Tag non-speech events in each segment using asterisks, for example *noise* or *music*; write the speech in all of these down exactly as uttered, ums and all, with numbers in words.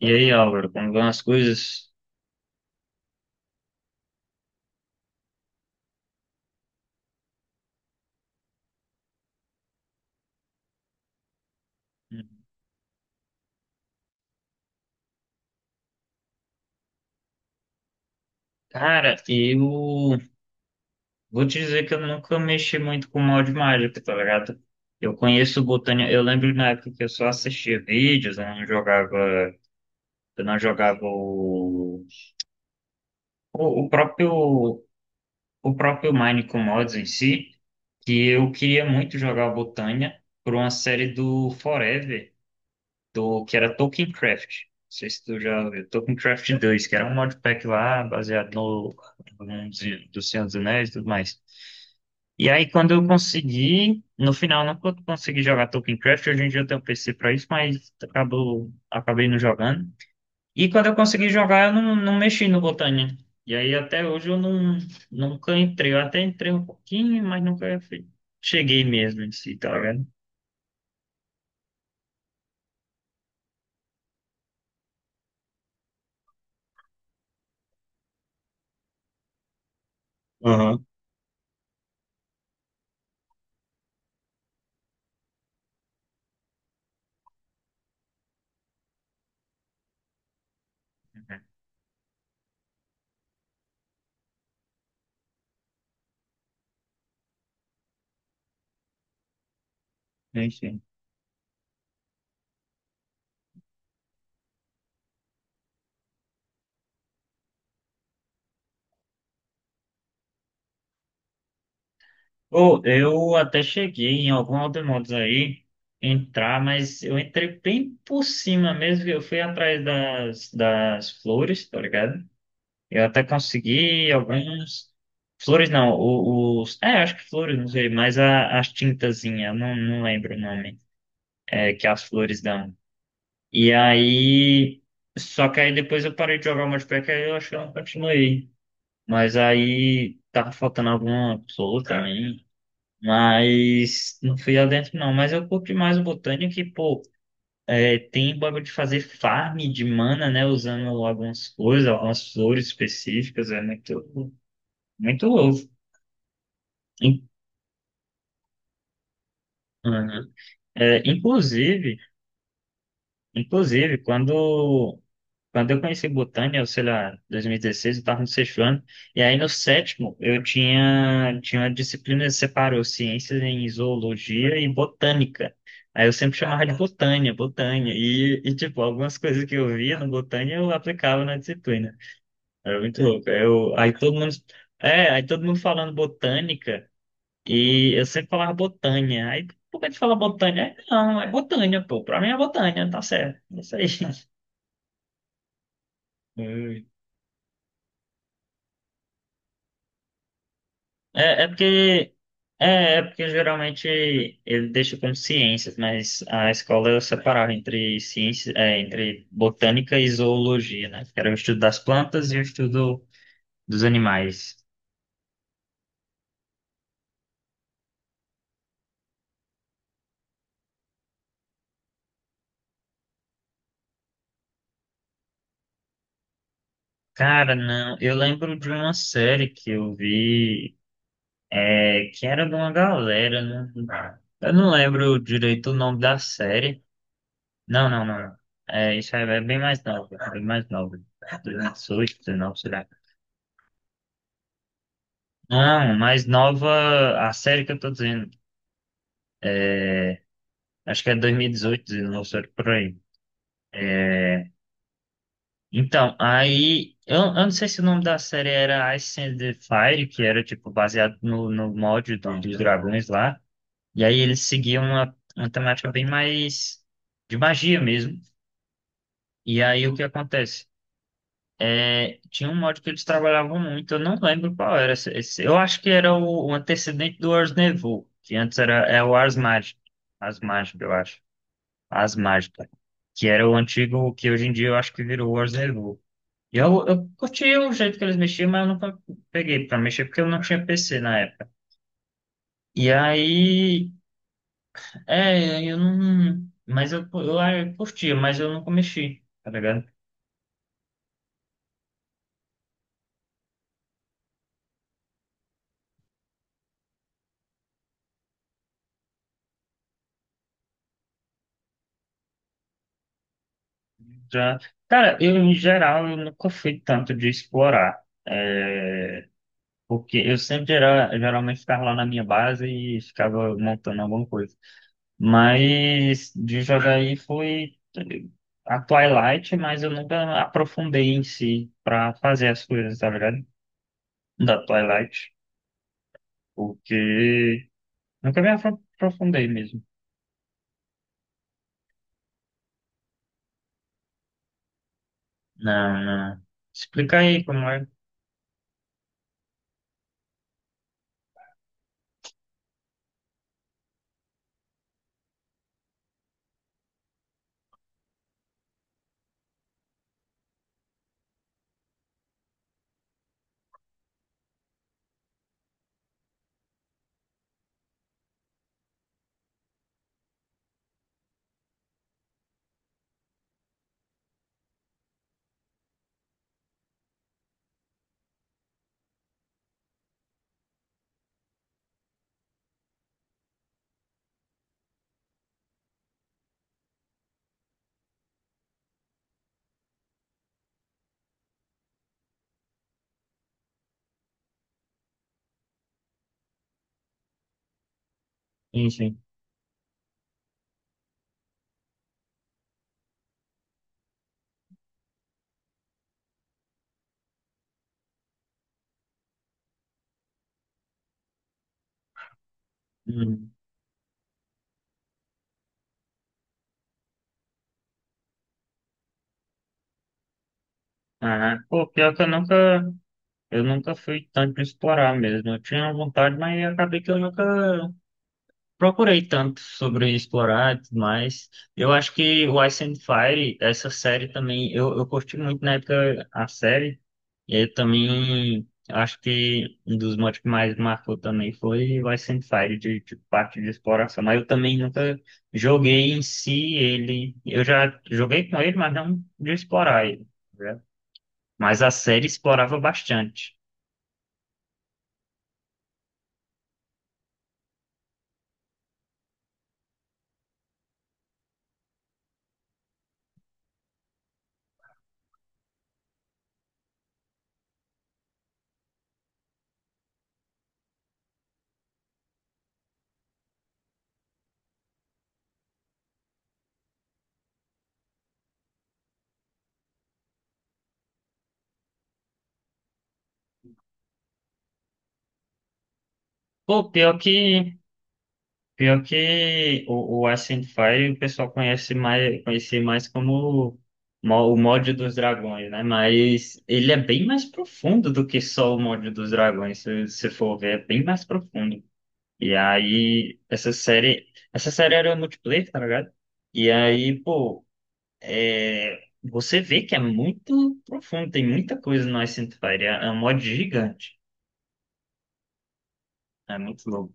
E aí, Álvaro, como vão as coisas? Cara, eu vou te dizer que eu nunca mexi muito com molde mágico, tá ligado? Eu conheço botânia, eu lembro na época que eu só assistia vídeos, eu não jogava, eu não jogava o, o, o próprio o próprio Mine com mods em si, que eu queria muito jogar botânia por uma série do Forever, do que era Tolkien Craft. Não sei se tu já viu. Tolkien Craft dois, que era um modpack lá, baseado no no mundo de- do Senhor dos Anéis e tudo mais. E aí, quando eu consegui, no final, não co- consegui jogar Tolkien Craft, hoje em dia eu tenho P C pra isso, mas acabou, acabei não jogando. E quando eu consegui jogar, eu não, não mexi no Botânia. E aí, até hoje, eu não, nunca entrei. Eu até entrei um pouquinho, mas nunca fui- cheguei mesmo em si, tá vendo? Aham. Uhum. Ou eu até cheguei em alguns automodos aí entrar, mas eu entrei bem por cima mesmo. Que Eu fui atrás das, das flores, tá ligado? Eu até consegui alguns. Flores não, o- os. É, acho que flores, não sei, mas a, as tintazinhas, não, não lembro o nome, é, que as flores dão. E aí. Só que aí depois eu parei de jogar o multiplayer, que aí eu acho que eu não continuei. Mas aí tava faltando alguma pessoa também. Mas não fui lá dentro não, mas eu curti mais o Botânia que, pô, é, tem bagulho de fazer farm de mana, né? Usando algumas coisas, algumas flores específicas, é muito, muito louco. In- Uhum. É, inclusive, inclusive, quando quando eu conheci Botânia, eu sei lá, dois mil e dezesseis, eu estava no sexto ano, e aí no sétimo eu tinha, tinha uma disciplina que separou ciências em zoologia e botânica. Aí eu sempre chamava de botânia, botânia, e, e tipo, algumas coisas que eu via no botânia eu aplicava na disciplina. Era muito louco. Eu, aí todo mundo, é, Aí todo mundo falando botânica, e eu sempre falava botânia. Aí por que a gente fala botânia? Aí, não, é botânia, pô, pra mim é botânia, tá certo, é isso aí. *laughs* É, é porque É, é porque geralmente ele deixa como ciências, mas a escola eu separava entre ciências, é, entre botânica e zoologia, né? Que era o estudo das plantas e o estudo dos animais. Cara, não, eu lembro de uma série que eu vi, é, que era de uma galera, né? Eu não lembro direito o nome da série. Não, não, não. É, isso aí é bem mais novo, bem mais novo. dois mil e dezoito, dezenove. Não, mais nova, a série que eu tô dizendo. Acho que é dois mil e dezoito, dezenove, série por aí. Então, aí, eu, eu não sei se o nome da série era Ice and the Fire, que era, tipo, baseado no, no mod do- dos dragões lá. E aí eles seguiam uma, uma temática bem mais de magia mesmo. E aí o que acontece? É, tinha um mod que eles trabalhavam muito, eu não lembro qual era. Esse- esse- eu acho que era o, o antecedente do Ars Nevo, que antes era, é o Ars Magic. Ars Magic, eu acho. As Mágicas, que era o antigo, que hoje em dia eu acho que virou o Orzeru. E Eu, eu curti o jeito que eles mexiam, mas eu nunca peguei pra mexer, porque eu não tinha P C na época. E aí, é, eu não. Mas eu, eu, ah, eu curtia, mas eu nunca mexi, tá ligado? Já, cara, eu, em geral, eu nunca fui tanto de explorar. É, porque eu sempre era, geralmente ficava lá na minha base e ficava montando alguma coisa. Mas de jogar aí foi a Twilight, mas eu nunca aprofundei em si pra fazer as coisas, tá ligado? Da Twilight, porque nunca me afro- aprofundei mesmo. Não, não. Explica aí como é. Enfim. Hum. Aham. Pô, pior que eu nunca, eu nunca fui tanto explorar mesmo. Eu tinha vontade, mas acabei que eu nunca procurei tanto sobre explorar e tudo mais. Eu acho que o Ice and Fire, essa série também, eu, eu curti muito na época a série. E aí também acho que um dos motivos que mais marcou também foi o Ice and Fire de, de parte de exploração. Mas eu também nunca joguei em si ele. Eu já joguei com ele, mas não de explorar ele, né? Mas a série explorava bastante. Pô, pior que Pior que o, o Ascent Fire o pessoal conhece mais, conhece mais como mo- o mod dos dragões, né? Mas ele é bem mais profundo do que só o mod dos dragões, se se for ver, é bem mais profundo. E aí, essa série, essa série era multiplayer, tá ligado? E aí, pô, é, você vê que é muito profundo, tem muita coisa no Ascent Fire, é é um mod gigante, é muito louco.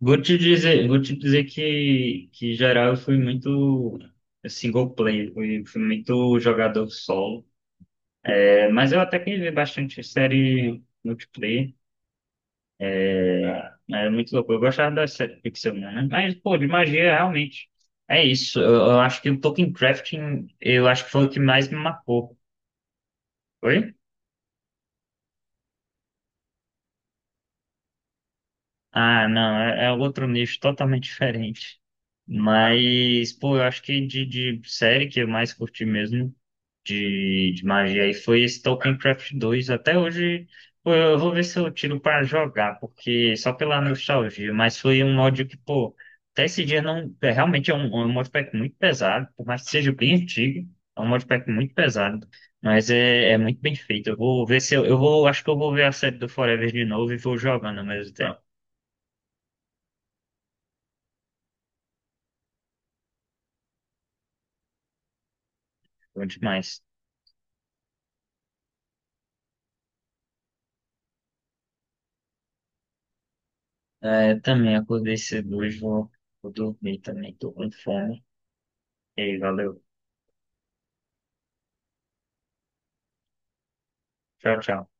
Vou te dizer, vou te dizer que, que em geral eu fui muito eh, single player, fui, fui muito jogador solo. É, mas eu até que vi bastante série multiplayer. É muito louco. Eu gostava da série Pixelmon, né? Mas, pô, de magia, realmente. É isso. Eu, eu acho que o Tolkien Crafting, eu acho que foi o que mais me marcou. Oi? Ah, não, é, é outro nicho totalmente diferente. Mas, pô, eu acho que de, de série que eu mais curti mesmo de, de magia aí foi esse Token Craft dois. Até hoje, pô, eu vou ver se eu tiro pra jogar, porque só pela nostalgia, mas foi um mod que, pô, até esse dia não. É, realmente é um, é um modpack muito pesado, por mais que seja bem antigo, é um modpack muito pesado. Mas é, é muito bem feito. Eu vou ver se eu, eu vou. Acho que eu vou ver a série do Forever de novo e vou jogando ao mesmo tempo. Bom demais. É, também acordei cedo hoje, vou, vou dormir também, tô com fome. E aí, valeu. Tchau, tchau.